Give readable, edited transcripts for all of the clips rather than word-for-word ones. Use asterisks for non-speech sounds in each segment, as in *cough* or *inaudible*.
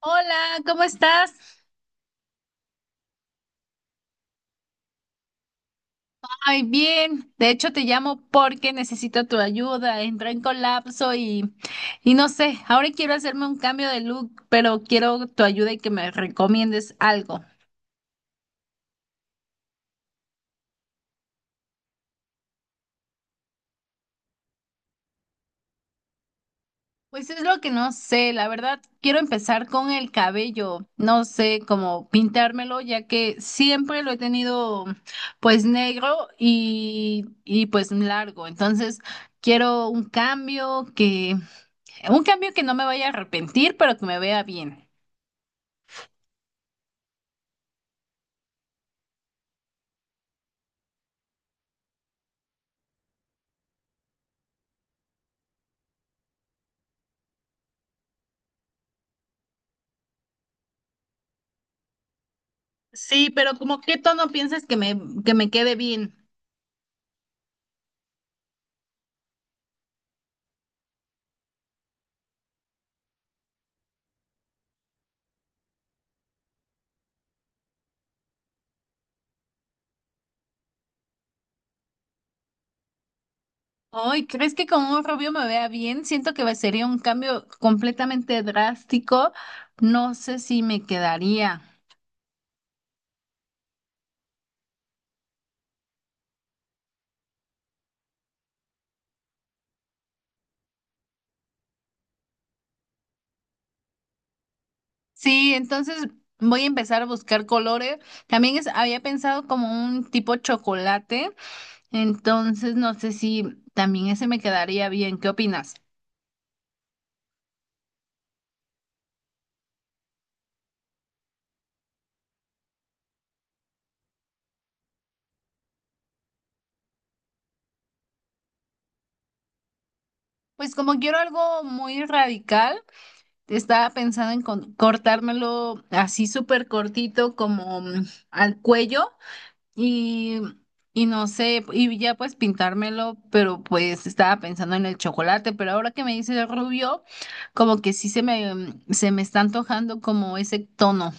Hola, ¿cómo estás? Ay, bien. De hecho, te llamo porque necesito tu ayuda. Entré en colapso y no sé, ahora quiero hacerme un cambio de look, pero quiero tu ayuda y que me recomiendes algo. Pues es lo que no sé, la verdad, quiero empezar con el cabello. No sé cómo pintármelo, ya que siempre lo he tenido pues negro y pues largo. Entonces, quiero un cambio que... Un cambio que no me vaya a arrepentir, pero que me vea bien. Sí, pero como qué tono piensas que me quede bien. Ay, ¿crees que con un rubio me vea bien? Siento que sería un cambio completamente drástico. No sé si me quedaría. Sí, entonces voy a empezar a buscar colores. También es, había pensado como un tipo chocolate. Entonces no sé si también ese me quedaría bien. ¿Qué opinas? Pues como quiero algo muy radical. Estaba pensando en cortármelo así súper cortito como al cuello y, y no sé, y ya pues pintármelo, pero pues estaba pensando en el chocolate, pero ahora que me dice el rubio, como que sí se me, se me está antojando como ese tono.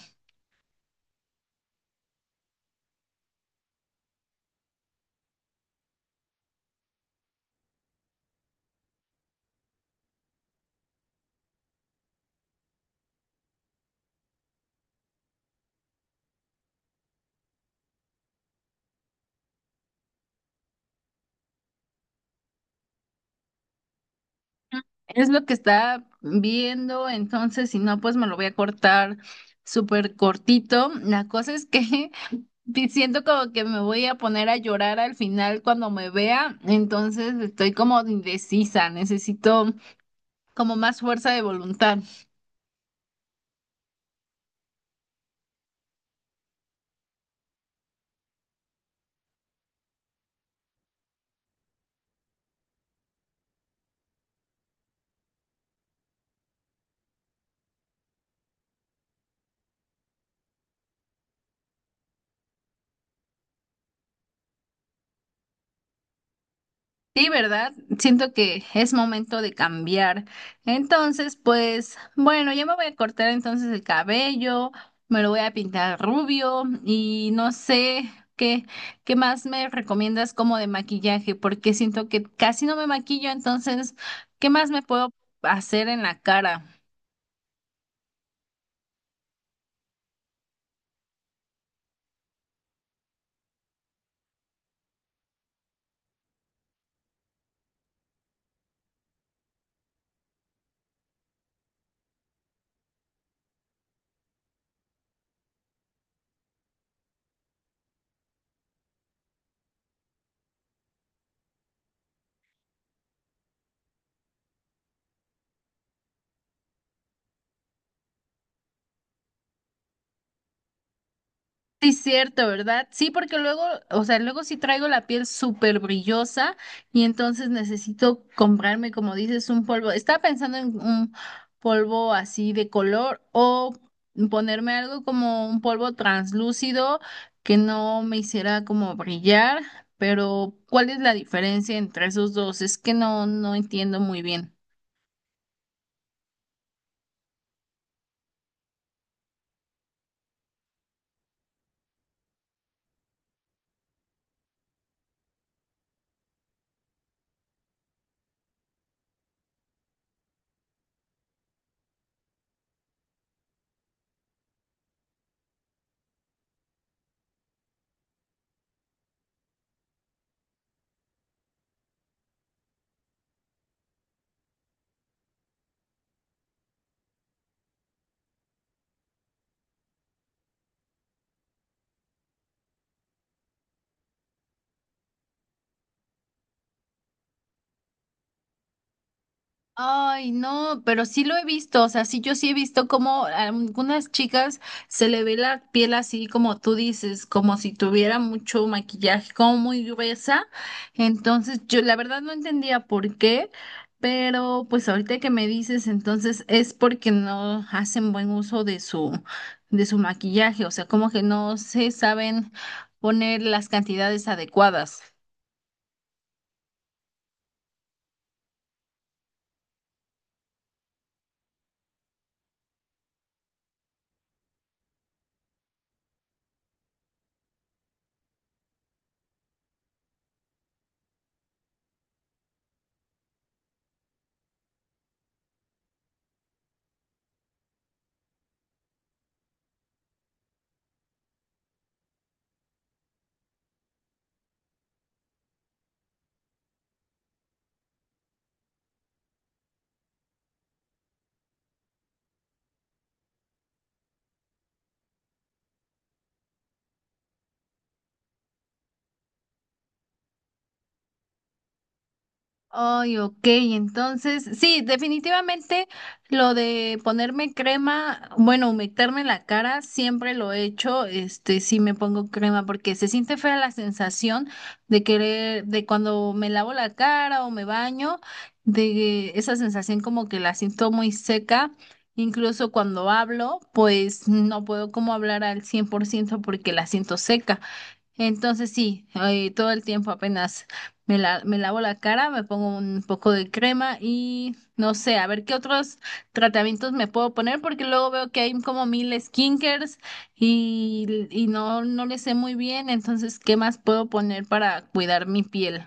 Es lo que está viendo, entonces si no, pues me lo voy a cortar súper cortito. La cosa es que... *laughs* Sí, siento como que me voy a poner a llorar al final cuando me vea, entonces estoy como indecisa, necesito como más fuerza de voluntad. Sí, ¿verdad? Siento que es momento de cambiar. Entonces, pues bueno, ya me voy a cortar entonces el cabello, me lo voy a pintar rubio y no sé qué, qué más me recomiendas como de maquillaje, porque siento que casi no me maquillo, entonces, ¿qué más me puedo hacer en la cara? Sí, cierto, ¿verdad? Sí, porque luego, o sea, luego sí traigo la piel súper brillosa y entonces necesito comprarme, como dices, un polvo. Estaba pensando en un polvo así de color o ponerme algo como un polvo translúcido que no me hiciera como brillar, pero ¿cuál es la diferencia entre esos dos? Es que no entiendo muy bien. Ay, no, pero sí lo he visto, o sea, sí yo sí he visto como a algunas chicas se le ve la piel así como tú dices, como si tuviera mucho maquillaje, como muy gruesa. Entonces, yo la verdad no entendía por qué, pero pues ahorita que me dices, entonces es porque no hacen buen uso de su maquillaje, o sea, como que no se saben poner las cantidades adecuadas. Ay, ok, entonces, sí, definitivamente lo de ponerme crema, bueno, humectarme la cara, siempre lo he hecho, este, sí me pongo crema porque se siente fea la sensación de querer, de cuando me lavo la cara o me baño, de esa sensación como que la siento muy seca, incluso cuando hablo, pues no puedo como hablar al 100% porque la siento seca. Entonces sí, todo el tiempo apenas me lavo la cara, me pongo un poco de crema y no sé, a ver qué otros tratamientos me puedo poner porque luego veo que hay como mil skincares y no le sé muy bien, entonces, ¿qué más puedo poner para cuidar mi piel?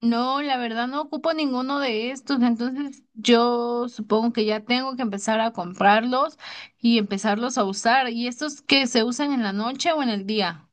No, la verdad no ocupo ninguno de estos, entonces yo supongo que ya tengo que empezar a comprarlos y empezarlos a usar. ¿Y estos que se usan en la noche o en el día?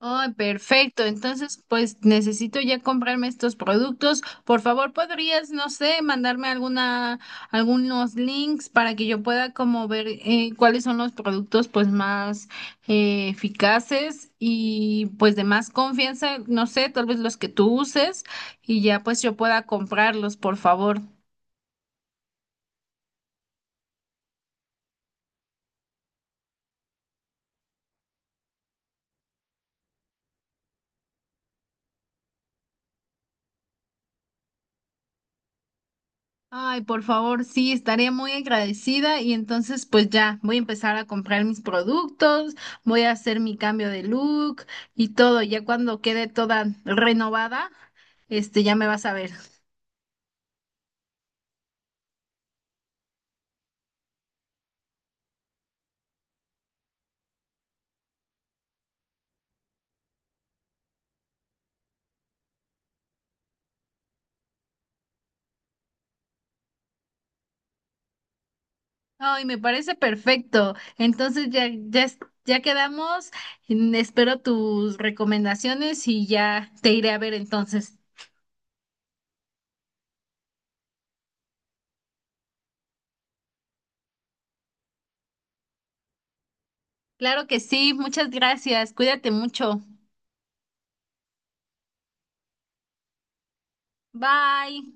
Ay, perfecto. Entonces, pues necesito ya comprarme estos productos. Por favor, podrías, no sé, mandarme alguna, algunos links para que yo pueda como ver cuáles son los productos pues más eficaces y pues de más confianza, no sé, tal vez los que tú uses y ya pues yo pueda comprarlos, por favor. Ay, por favor, sí, estaría muy agradecida y entonces pues ya voy a empezar a comprar mis productos, voy a hacer mi cambio de look y todo. Ya cuando quede toda renovada, este ya me vas a ver. Ay, me parece perfecto. Entonces ya quedamos. Mm, espero tus recomendaciones y ya te iré a ver entonces. Claro que sí, muchas gracias. Cuídate mucho. Bye.